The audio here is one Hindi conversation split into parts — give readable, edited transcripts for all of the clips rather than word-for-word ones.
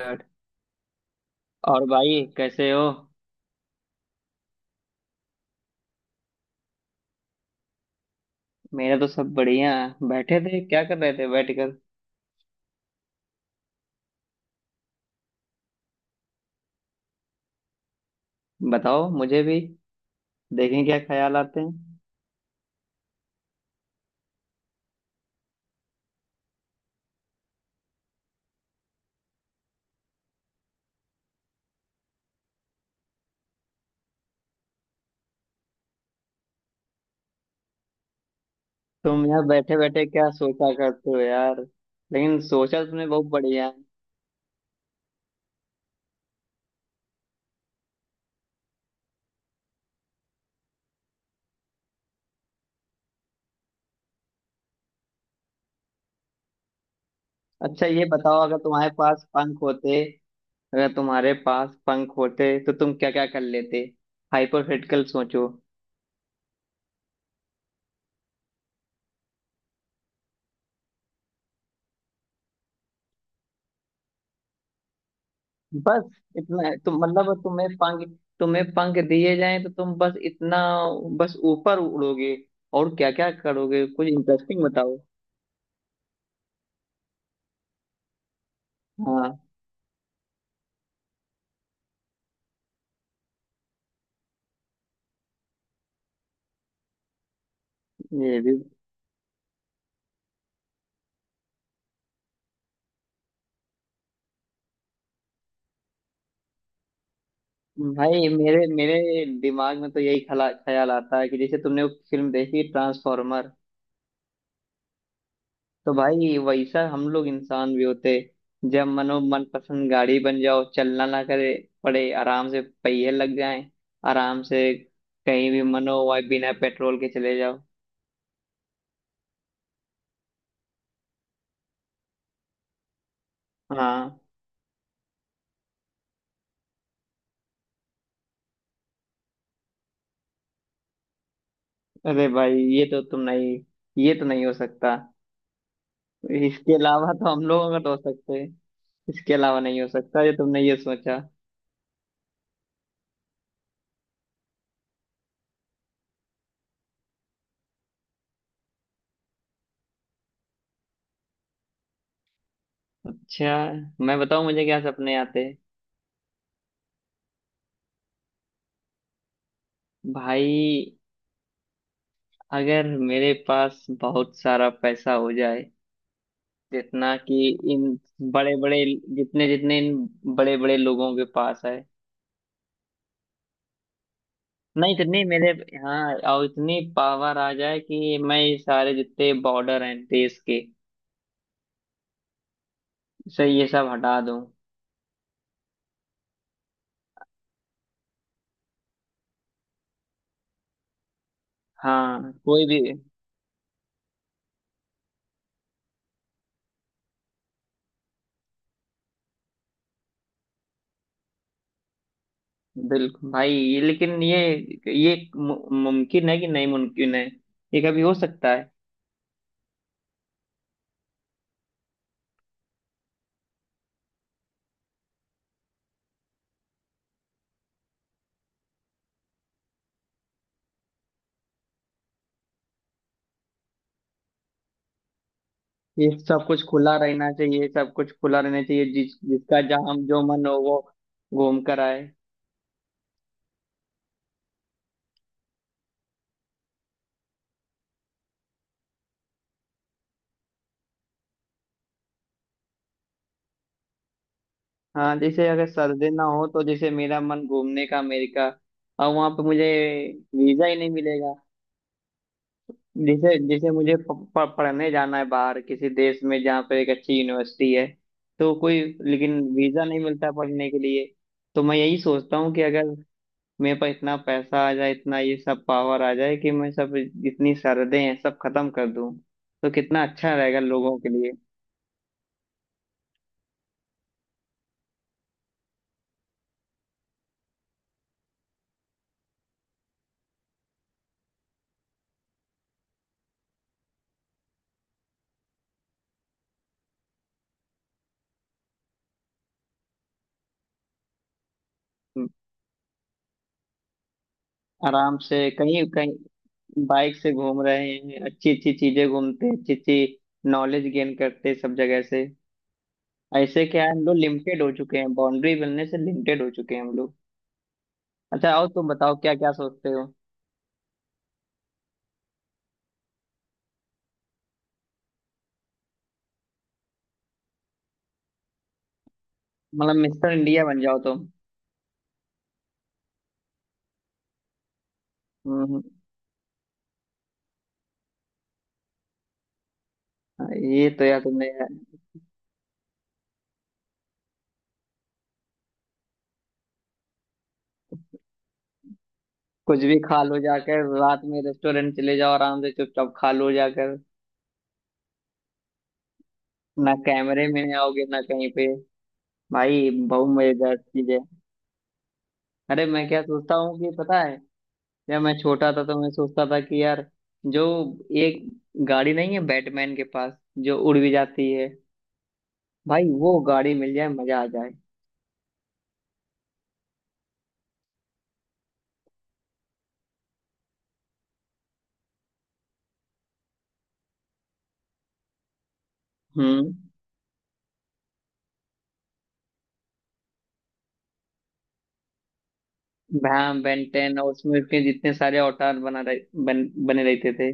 और और भाई, कैसे हो? मेरा तो सब बढ़िया है। बैठे थे, क्या कर रहे थे बैठकर? बताओ मुझे भी। देखें क्या ख्याल आते हैं। तुम यार बैठे बैठे क्या सोचा करते हो यार। लेकिन सोचा तो तुमने बहुत बढ़िया है। अच्छा, ये बताओ, अगर तुम्हारे पास पंख होते अगर तुम्हारे पास पंख होते तो तुम क्या क्या कर लेते? हाइपोथेटिकल सोचो। बस इतना है? तो मतलब तुम्हें पंख दिए जाएं तो तुम बस इतना, बस ऊपर उड़ोगे? और क्या क्या करोगे, कुछ इंटरेस्टिंग बताओ। हाँ, ये भी। भाई मेरे मेरे दिमाग में तो यही खला ख्याल आता है कि जैसे तुमने वो फिल्म देखी, ट्रांसफॉर्मर। तो भाई वैसा हम लोग इंसान भी होते। जब मनो, मन पसंद गाड़ी बन जाओ, चलना ना करे पड़े, आराम से पहिए लग जाएं, आराम से कहीं भी मनो, वह बिना पेट्रोल के चले जाओ। हाँ। अरे भाई, ये तो तुम नहीं, ये तो नहीं हो सकता। इसके अलावा तो हम लोग अगर हो सकते हैं। इसके अलावा नहीं हो सकता? ये तुमने ये सोचा। अच्छा, मैं बताऊं मुझे क्या सपने आते हैं? भाई, अगर मेरे पास बहुत सारा पैसा हो जाए, जितना कि इन बड़े बड़े, जितने जितने इन बड़े बड़े लोगों के पास है। नहीं, इतनी मेरे, हाँ, और इतनी पावर आ जाए कि मैं ये सारे जितने बॉर्डर हैं देश के, से ये सब हटा दूं। हाँ, कोई भी। बिल्कुल भाई, ये लेकिन ये, ये मु- मुमकिन है कि नहीं? मुमकिन है? ये कभी हो सकता है? ये सब कुछ खुला रहना चाहिए, सब कुछ खुला रहना चाहिए, जिस जिसका जहाँ जो मन हो वो घूम कर आए। हाँ, जैसे अगर सर्दी ना हो, तो जैसे मेरा मन घूमने का अमेरिका, और वहां पे मुझे वीजा ही नहीं मिलेगा। जैसे जैसे मुझे प, प, पढ़ने जाना है बाहर किसी देश में जहाँ पर एक अच्छी यूनिवर्सिटी है, तो कोई लेकिन वीजा नहीं मिलता पढ़ने के लिए। तो मैं यही सोचता हूँ कि अगर मेरे पास इतना पैसा आ जाए, इतना ये सब पावर आ जाए कि मैं सब, जितनी सरहदें हैं सब खत्म कर दूं, तो कितना अच्छा रहेगा लोगों के लिए। हम्म, आराम से कहीं कहीं बाइक से घूम रहे हैं, अच्छी अच्छी चीजें घूमते, अच्छी अच्छी नॉलेज गेन करते सब जगह से। ऐसे क्या है, हम लोग लिमिटेड हो चुके हैं, बाउंड्री मिलने से लिमिटेड हो चुके हैं हम लोग। अच्छा, आओ तुम बताओ क्या क्या सोचते हो। मतलब मिस्टर इंडिया बन जाओ तुम? हम्म। हम्म। ये तो यार, तुमने यार, कुछ भी खा लो जाकर, रात में रेस्टोरेंट चले जाओ आराम से चुपचाप, खा लो जाकर। ना कैमरे में आओगे, ना कहीं पे। भाई बहुत मजेदार चीज है। अरे, मैं क्या सोचता हूँ कि पता है, जब मैं छोटा था तो मैं सोचता था कि यार, जो एक गाड़ी नहीं है बैटमैन के पास जो उड़ भी जाती है, भाई वो गाड़ी मिल जाए, मजा आ जाए। हम्म। भैम बेंटेन, और उसमें के जितने सारे अवतार बना रहे, बने रहते थे।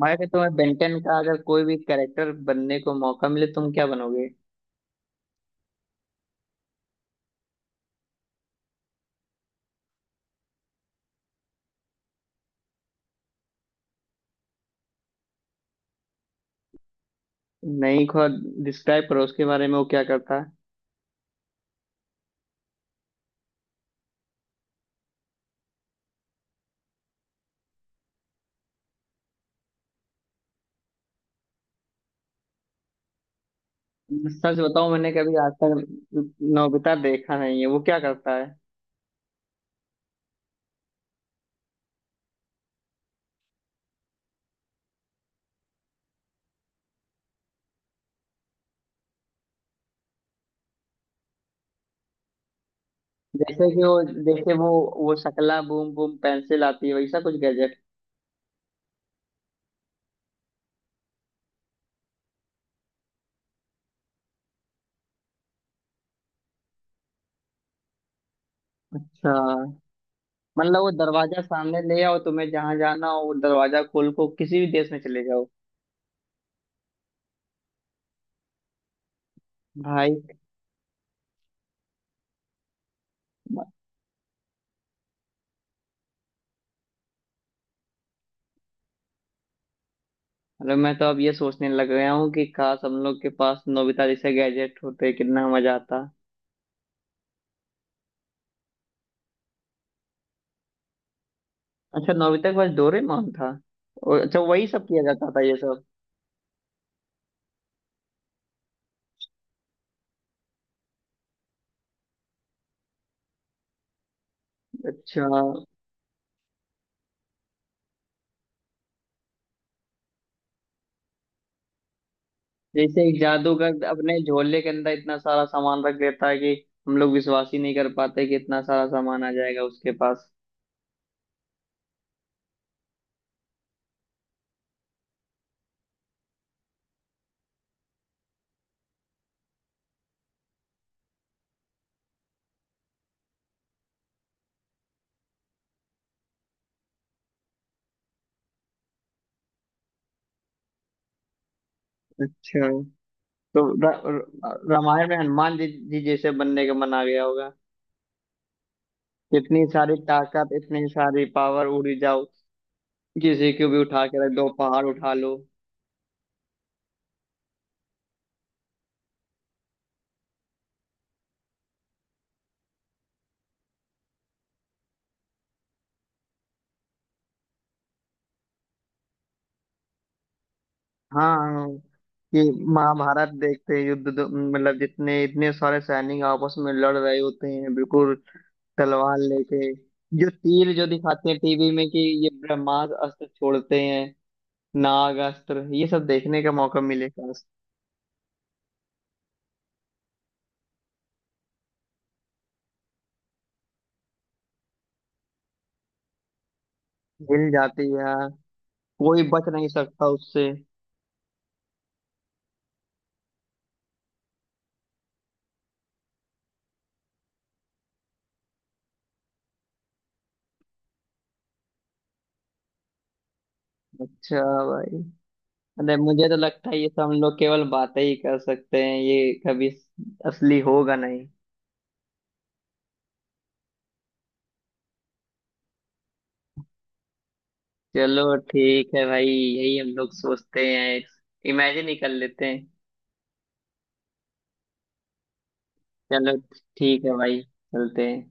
भाई, अगर तुम्हें बेंटेन का, अगर कोई भी कैरेक्टर बनने को मौका मिले, तुम क्या बनोगे? नहीं, खुद डिस्क्राइब करो उसके बारे में, वो क्या करता है? सच बताऊं, मैंने कभी आज तक नोबिता देखा नहीं है, वो क्या करता है? जैसे कि वो, जैसे वो शकला बूम बूम पेंसिल आती है, वैसा कुछ गैजेट। अच्छा, मतलब वो दरवाजा सामने ले आओ, तुम्हें जहां जाना हो वो दरवाजा खोल को किसी भी देश में चले जाओ। भाई, मतलब मैं तो अब ये सोचने लग गया हूँ कि काश हम लोग के पास नोबिता जैसे गैजेट होते, कितना मजा आता। अच्छा, नोबिता के पास डोरेमोन था, और अच्छा, वही सब किया जाता था ये सब। अच्छा। जैसे एक जादूगर अपने झोले के अंदर इतना सारा सामान रख देता है कि हम लोग विश्वास ही नहीं कर पाते कि इतना सारा सामान आ जाएगा उसके पास। अच्छा, तो रामायण में हनुमान जी जैसे बनने का मन आ गया होगा। इतनी सारी ताकत, इतनी सारी पावर, उड़ी जाओ, किसी को भी उठा के रख दो, पहाड़ उठा लो। हाँ। ये महाभारत देखते हैं, युद्ध मतलब जितने इतने सारे सैनिक आपस में लड़ रहे होते हैं बिल्कुल, तलवार लेके, जो तीर जो दिखाते हैं टीवी में कि ये ब्रह्मास्त्र अस्त्र छोड़ते हैं, नाग अस्त्र, ये सब देखने का मौका मिलेगा। हिल जाती है, कोई बच नहीं सकता उससे। अच्छा, भाई, अरे मुझे तो लगता है ये सब हम लोग केवल बातें ही कर सकते हैं, ये कभी असली होगा नहीं। चलो ठीक है भाई, यही हम लोग सोचते हैं, इमेजिन ही कर लेते हैं। चलो, ठीक है भाई, चलते हैं।